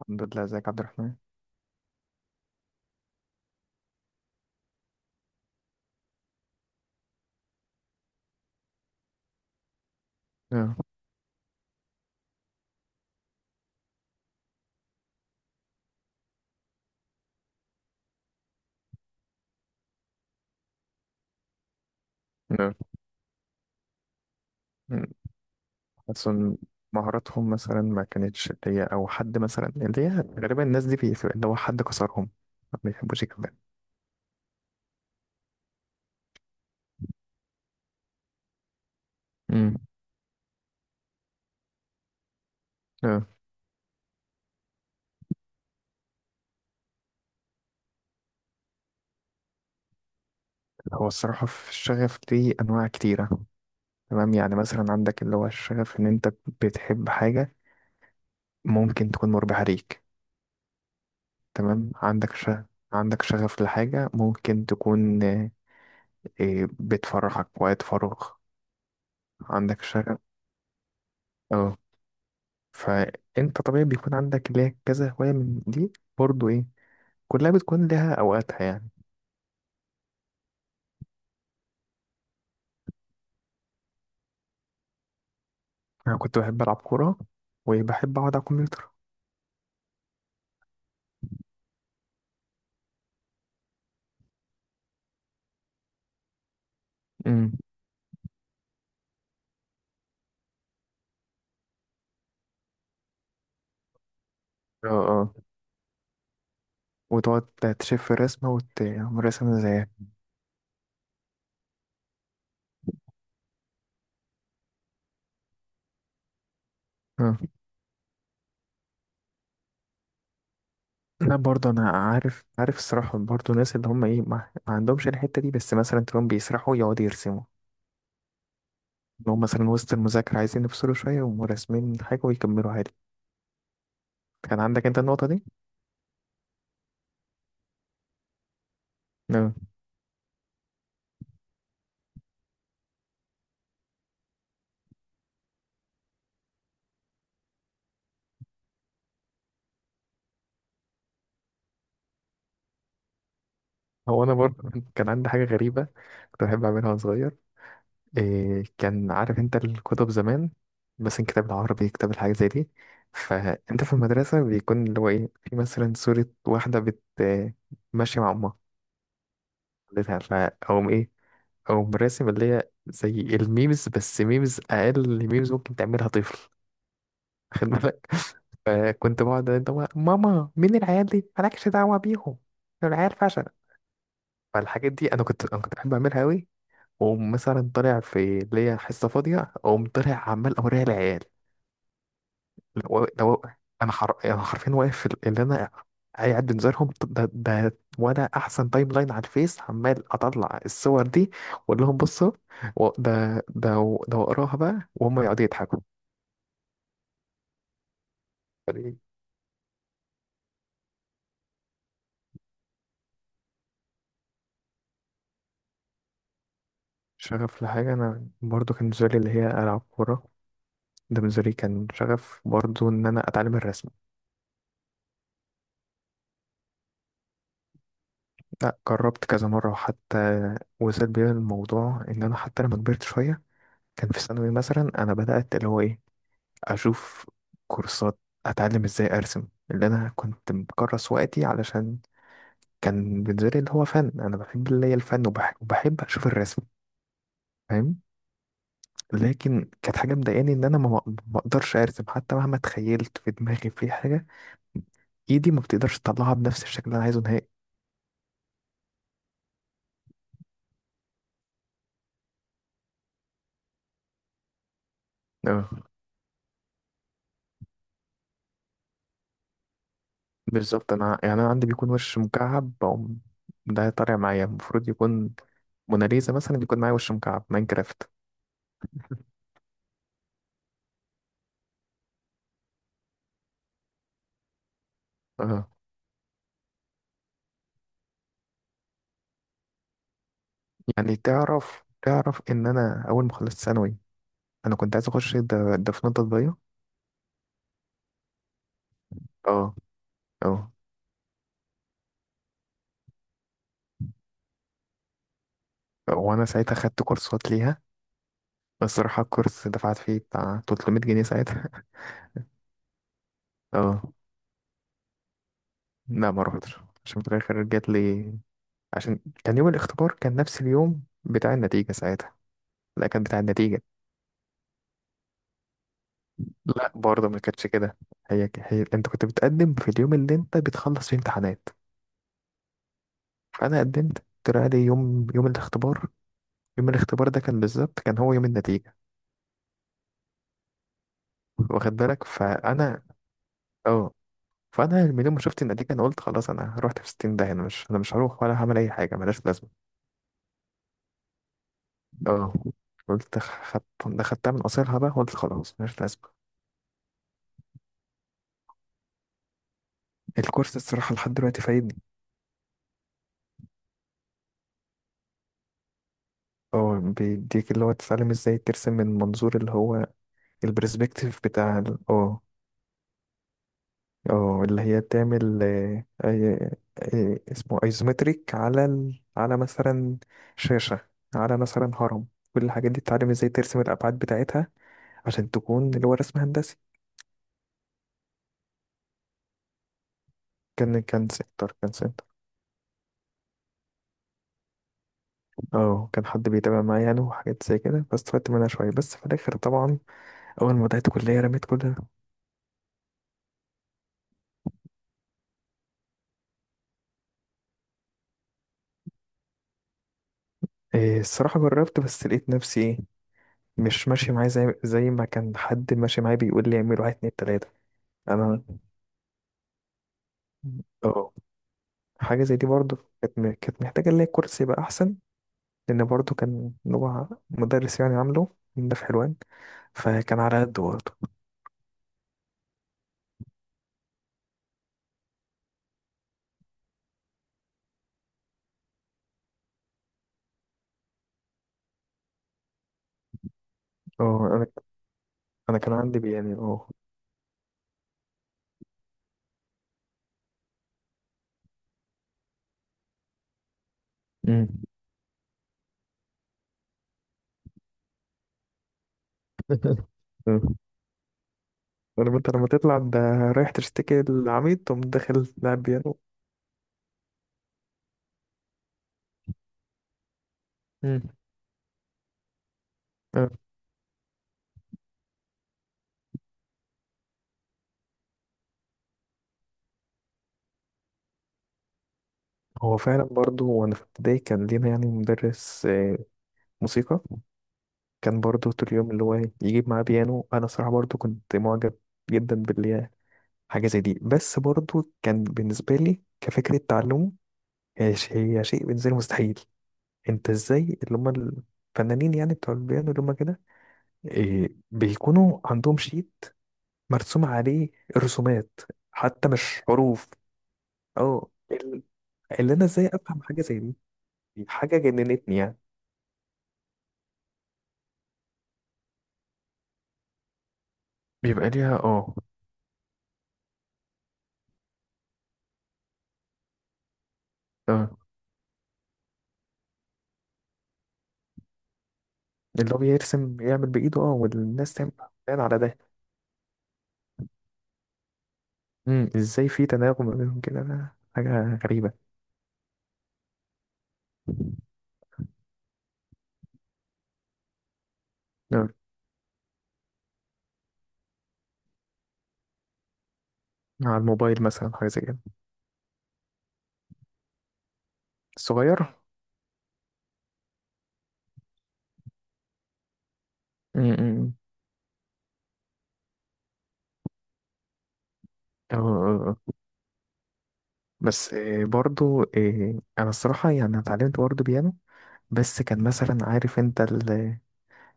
الحمد لله، ازيك يا عبد الرحمن؟ نعم. نعم. مم. حاسس إن مهاراتهم مثلا ما كانتش اللي هي او حد مثلا اللي هي غالبا الناس دي بيبقى اللي هو حد كسرهم، ما بيحبوش الكلام. امم نعم. هو الصراحة في الشغف دي أنواع كتيرة. تمام، يعني مثلا عندك اللي هو الشغف إن أنت بتحب حاجة ممكن تكون مربحة ليك. تمام، عندك شغف، عندك شغف لحاجة ممكن تكون بتفرحك وقت فراغ. عندك شغف. اه. فانت طبيعي بيكون عندك ليك كذا هواية من دي، برضو ايه، كلها بتكون لها اوقاتها يعني. انا كنت بحب العب كورة، وبحب اقعد على الكمبيوتر. امم اه، اه. وتقعد تشوف الرسمة وتعمل رسمة زيها. اه. لا برضه انا عارف، عارف الصراحة برضه الناس اللي هم ايه ما عندهمش الحتة دي، بس مثلا تلاقيهم بيسرحوا يقعدوا يرسموا، إن هم مثلا وسط المذاكرة عايزين يفصلوا شوية يقوموا راسمين حاجة ويكملوا عادي. كان عندك انت النقطة دي؟ نعم. هو انا برضه كان عندي حاجة غريبة كنت بحب اعملها وانا صغير. إيه كان عارف انت الكتب زمان، بس كتاب العربي كتاب الحاجات زي دي، فانت في المدرسة بيكون اللي هو ايه، في مثلا صورة واحدة بت ماشية مع امها، خدتها فأقوم ايه، أقوم راسم اللي هي زي الميمز، بس ميمز أقل ميمز ممكن تعملها طفل. واخد بالك؟ فكنت بقعد انت بقى، ماما مين العيال دي، مالكش دعوة بيهم، دول العيال فشلة. فالحاجات دي انا كنت بحب اعملها قوي، ومثلا طالع في اللي هي حصة فاضية أقوم طالع عمال أوريها العيال. لو انا حر... أنا حرفيا واقف في ال- اللي انا قاعد بنزلهم ده وانا احسن تايم لاين على الفيس، عمال اطلع الصور دي واقول لهم بصوا و- ده واقراها بقى وهم يقعدوا يضحكوا. يعني شغف لحاجة، أنا برضو كان بالنسبة لي اللي هي ألعب كورة، ده بالنسبة لي كان شغف، برضو إن أنا أتعلم الرسم. لا، جربت كذا مرة، وحتى وصل بيا الموضوع إن أنا حتى لما كبرت شوية كان في ثانوي، مثلا أنا بدأت اللي هو إيه، اشوف كورسات، اتعلم ازاي ارسم. اللي انا كنت مكرس وقتي علشان كان بالنسبه لي اللي هو فن، انا بحب اللي هي الفن، وبحب اشوف الرسم. فاهم؟ لكن كانت حاجه مضايقاني ان انا ما اقدرش ارسم، حتى مهما تخيلت في دماغي في حاجه ايدي ما بتقدرش تطلعها بنفس الشكل اللي انا عايزه نهائي. اه بالظبط. انا يعني انا عندي بيكون وش مكعب، بقوم ده طالع معايا المفروض يكون موناليزا، مثلا بيكون معايا وش مكعب ماينكرافت. اه. يعني تعرف، تعرف ان انا اول ما خلصت ثانوي انا كنت عايز اخش ده فنون تطبيقية. اه. اه، وانا ساعتها خدت كورسات ليها. بس الصراحة الكورس دفعت فيه بتاع 300 جنيه ساعتها. اه. لا ما روحتش، عشان في الاخر جات لي، عشان كان يوم الاختبار كان نفس اليوم بتاع النتيجة ساعتها. لا، كان بتاع النتيجة. لا برضه ما كانتش كده، هي انت كنت بتقدم في اليوم اللي انت بتخلص فيه امتحانات، فانا قدمت طلع لي يوم، يوم الاختبار ده كان بالظبط كان هو يوم النتيجة، واخد بالك؟ فانا اه، فانا من يوم ما شفت النتيجه انا قلت خلاص انا رحت في 60، ده انا مش، انا مش هروح ولا هعمل اي حاجه ملهاش لازمه. اه. قلت خدت ده، خدتها من قصيرها بقى، قلت خلاص ملهاش لازمه. الكورس الصراحه لحد دلوقتي فايدني. اه، بيديك اللي هو تتعلم ازاي ترسم من منظور، اللي هو البرسبكتيف بتاع ال- اه. اه، اللي هي تعمل اسمه ايزومتريك على ال... على مثلا شاشه، على مثلا هرم، كل الحاجات دي تتعلم ازاي ترسم الابعاد بتاعتها عشان تكون اللي هو رسم هندسي. كان سنتر. اه كان حد بيتابع معايا يعني وحاجات زي كده، فاستفدت منها شوية، بس في الآخر طبعا أول ما بدأت كلية رميت كل ده. إيه الصراحة جربت، بس لقيت نفسي إيه، مش ماشي معايا زي ما كان حد ماشي معايا بيقول لي اعمل واحد اتنين تلاتة. أنا اه. حاجة زي دي برضه كانت م- كانت محتاجة اللي هي الكرسي يبقى أحسن، لأن برضه كان هو مدرس يعني عامله، ده في حلوان، فكان على قد برضه. اه. أنا كان عندي بي- يعني اه. مم. عارف انت لما تطلع ده رايح تشتكي للعميد تقوم داخل لاعب بيانو. مم. آه. هو فعلا برضو وانا في ابتدائي كان لينا يعني مدرس موسيقى، كان برضو طول اليوم اللي هو يجيب معاه بيانو. انا صراحة برضو كنت معجب جدا باللي، حاجة زي دي، بس برضو كان بالنسبة لي كفكرة تعلمه هي ش- هي شيء بالنسبة لي مستحيل. انت ازاي اللي هم الفنانين يعني بتوع البيانو اللي هم كده بيكونوا عندهم شيء مرسوم عليه رسومات، حتى مش حروف. اه ال-، اللي انا ازاي افهم حاجه زي دي، دي حاجه جننتني يعني. بيبقى ليها اه. تمام. اللي هو بيرسم يعمل بايده اه والناس تعمل بناء على ده. ازاي في تناغم ما بينهم كده، ده حاجه غريبه. نعم. على الموبايل مثلا حاجه زي كده. الصغير. إمم، إمم. اه آه، آه. آه. بس برضو انا الصراحه يعني أنا اتعلمت برضو بيانو، بس كان مثلا عارف انت،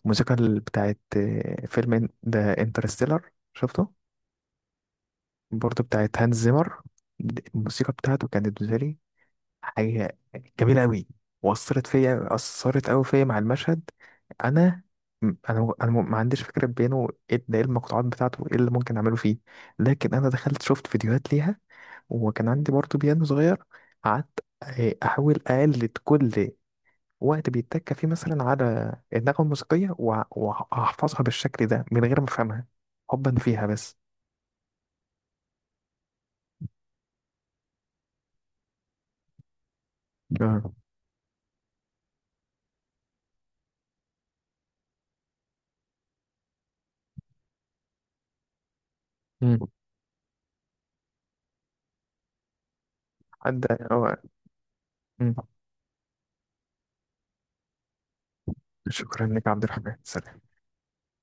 الموسيقى ال- بتاعت فيلم إن- ده انترستيلر، شفته؟ برضه بتاعت هانز زيمر. الموسيقى بتاعته كانت بالنسبة لي حاجة جميلة أوي، وأثرت فيا، أثرت أوي فيا مع المشهد. أنا أنا ما عنديش فكرة بينه إيه ده، إيه المقطوعات بتاعته، إيه اللي ممكن أعمله فيه. لكن أنا دخلت شفت فيديوهات ليها، وكان عندي برضه بيانو صغير، قعدت أحاول أقلد كل وقت بيتك فيه مثلا على النغمة الموسيقية، وهحفظها بالشكل ده من غير ما افهمها، حبا فيها بس. آه. مم. عدى أو... شكرا لك يا عبد الرحمن، سلام.